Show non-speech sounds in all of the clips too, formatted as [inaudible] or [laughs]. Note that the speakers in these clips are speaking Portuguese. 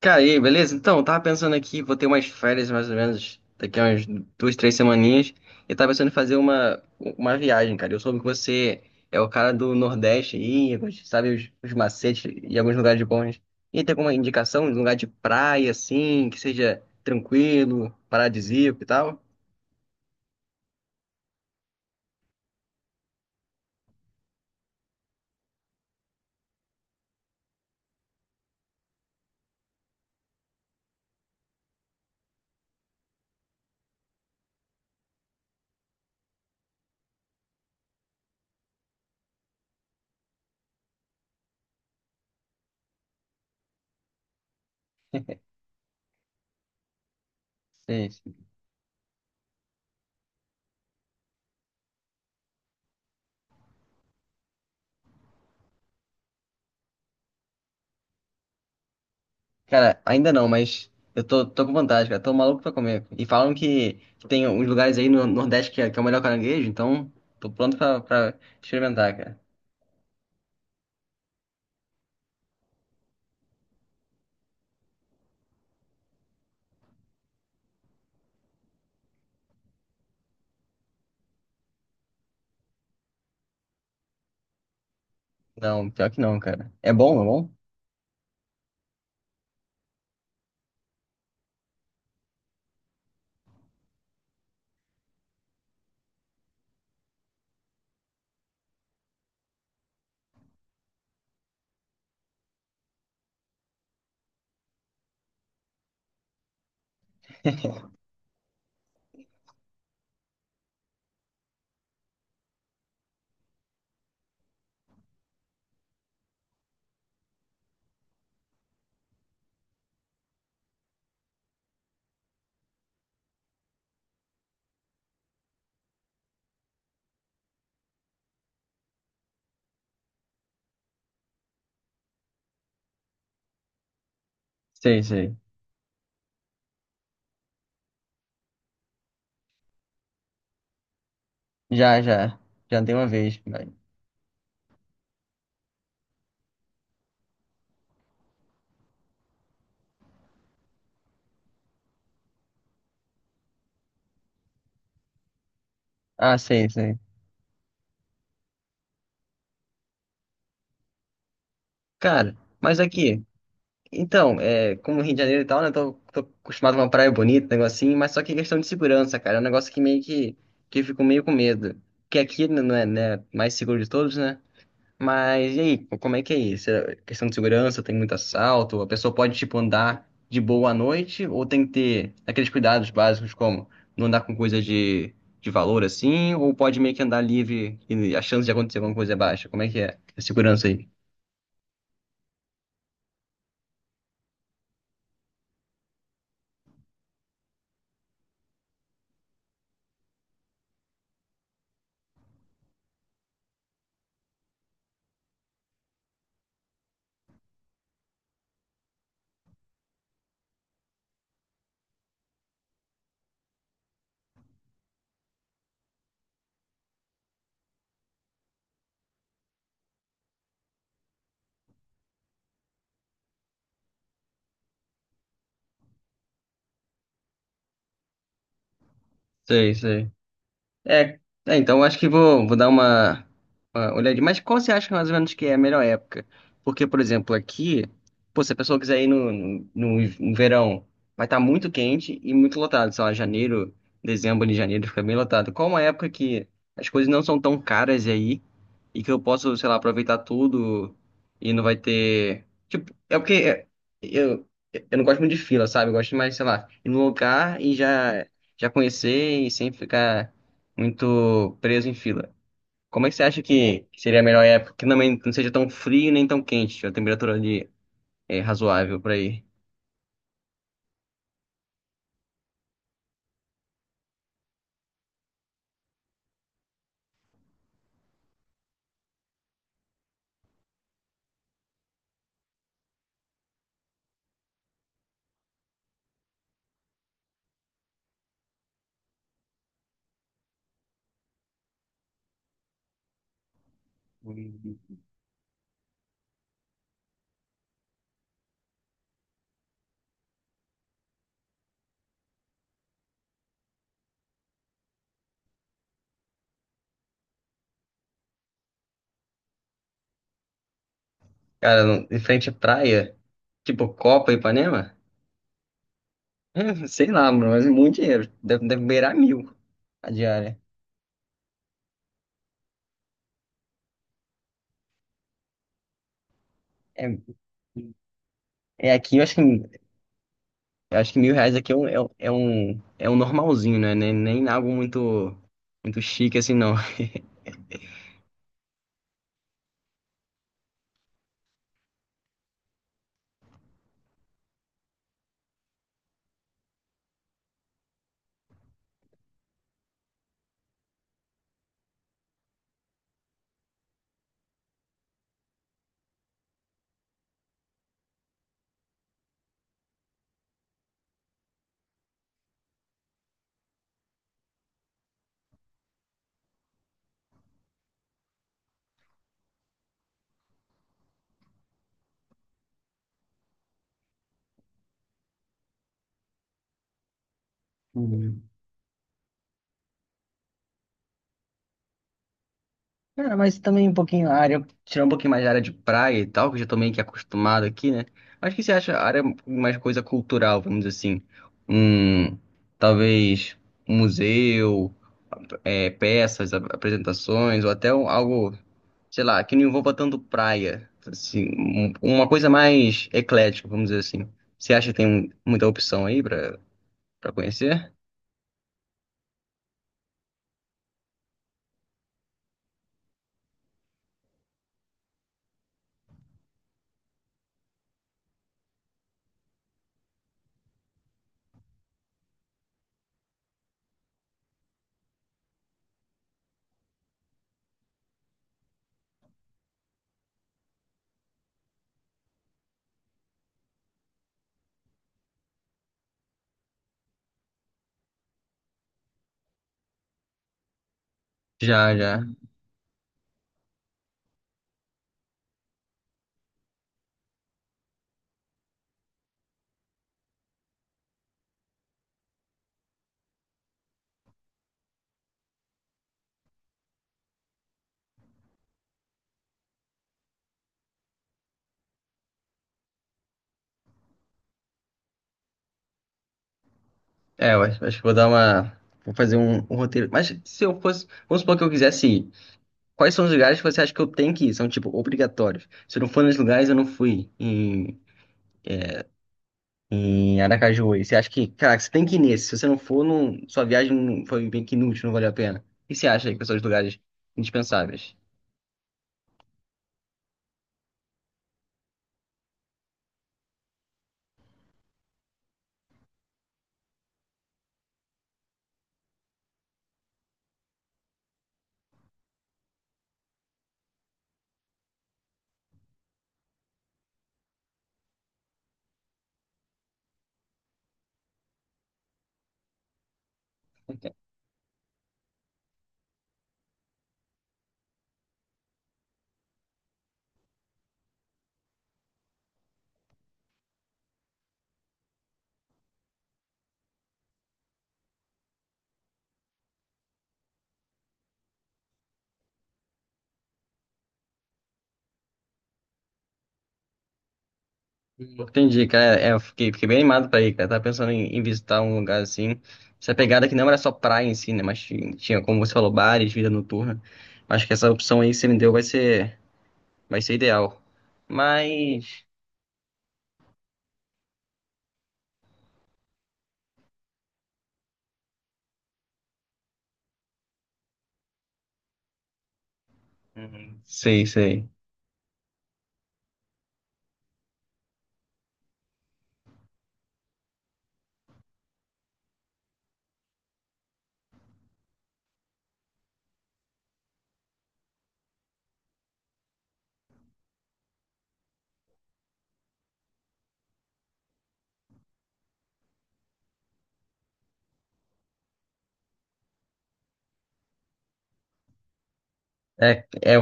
Cara, e aí, beleza? Eu tava pensando aqui, vou ter umas férias mais ou menos daqui a umas duas, três semaninhas, e tava pensando em fazer uma viagem, cara. Eu soube que você é o cara do Nordeste aí, sabe os macetes e alguns lugares bons. E tem alguma indicação de um lugar de praia, assim, que seja tranquilo, paradisíaco e tal? Sim. Cara, ainda não, mas eu tô com vontade, cara. Tô maluco pra comer. E falam que tem uns lugares aí no Nordeste que que é o melhor caranguejo, então tô pronto pra experimentar, cara. Não, pior que não, cara. É bom, é bom? Sei, sei. Já, já. Já dei uma vez, Ah, sei, sei. Cara, mas aqui, então, é, como Rio de Janeiro e tal, né? Tô acostumado com uma praia bonita, negocinho, mas só que é questão de segurança, cara. É um negócio que meio que eu fico meio com medo. Que aqui não é, né, mais seguro de todos, né? Mas e aí, como é que é isso? É questão de segurança, tem muito assalto? A pessoa pode, tipo, andar de boa à noite? Ou tem que ter aqueles cuidados básicos como não andar com coisa de valor assim? Ou pode meio que andar livre e a chance de acontecer alguma coisa é baixa? Como é que é a segurança aí? Sei, sei. É, é, então eu acho que vou dar uma olhadinha. Mas qual você acha mais ou menos que é a melhor época? Porque, por exemplo, aqui, pô, se a pessoa quiser ir no verão, vai estar muito quente e muito lotado. Sei lá, janeiro, dezembro e janeiro fica bem lotado. Qual é uma época que as coisas não são tão caras aí e que eu posso, sei lá, aproveitar tudo e não vai ter. Tipo, é porque é, eu não gosto muito de fila, sabe? Eu gosto mais, sei lá, ir num lugar e já, já conhecer e sem ficar muito preso em fila. Como é que você acha que seria a melhor época que também não seja tão frio nem tão quente, a temperatura ali é razoável pra ir? Cara, em frente à praia, tipo Copa e Ipanema? [laughs] É, sei lá, mano, mas é muito dinheiro. Deve beirar mil a diária. É, é aqui, eu acho que. Eu acho que mil reais aqui é um, é um, é um normalzinho, né? Nem algo muito chique assim, não. Uhum. Cara, mas também um pouquinho a área, tirar um pouquinho mais da área de praia e tal, que eu já tô meio que acostumado aqui, né? Mas o que você acha a área mais coisa cultural, vamos dizer assim? Um, talvez um museu, é, peças, apresentações, ou até algo, sei lá, que não envolva tanto praia. Assim, uma coisa mais eclética, vamos dizer assim. Você acha que tem muita opção aí pra pra conhecer? Já, já. É, eu acho, acho que vou dar uma. Vou fazer um, um roteiro. Mas se eu fosse. Vamos supor que eu quisesse ir. Quais são os lugares que você acha que eu tenho que ir? São, tipo, obrigatórios. Se eu não for nos lugares, eu não fui em Aracaju. E você acha que, caraca, você tem que ir nesse. Se você não for, não, sua viagem foi bem que inútil, não valeu a pena. O que você acha aí que são os lugares indispensáveis? Entendi, cara. É, eu fiquei bem animado pra ir, cara. Tava pensando em visitar um lugar assim. Essa pegada que não era só praia em si, né? Mas tinha, como você falou, bares, vida noturna. Acho que essa opção aí que você me deu vai vai ser ideal. Mas. Hum, sei, sei. É, é,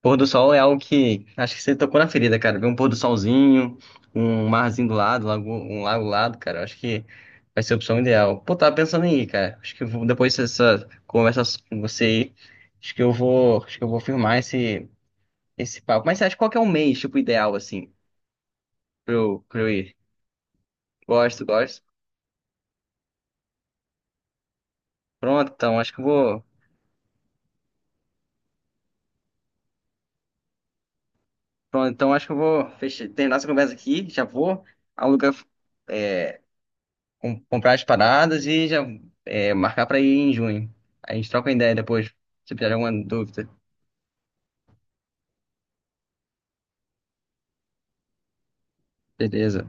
pôr do sol é algo que acho que você tocou na ferida, cara. Ver um pôr do solzinho, um marzinho do lado, um lago do lado, cara. Acho que vai ser a opção ideal. Pô, tava pensando em ir, cara. Acho que eu vou, depois dessa conversa com você aí, acho que eu vou, acho que eu vou firmar esse papo. Mas você acha qual que é o mês, tipo, ideal, assim, pra eu ir? Gosto, gosto. Pronto, então acho que eu vou. Pronto, então acho que eu vou fechar, terminar essa conversa aqui. Já vou alugar. Comprar as paradas e já é, marcar pra ir em junho. A gente troca uma ideia depois, se tiver alguma dúvida. Beleza.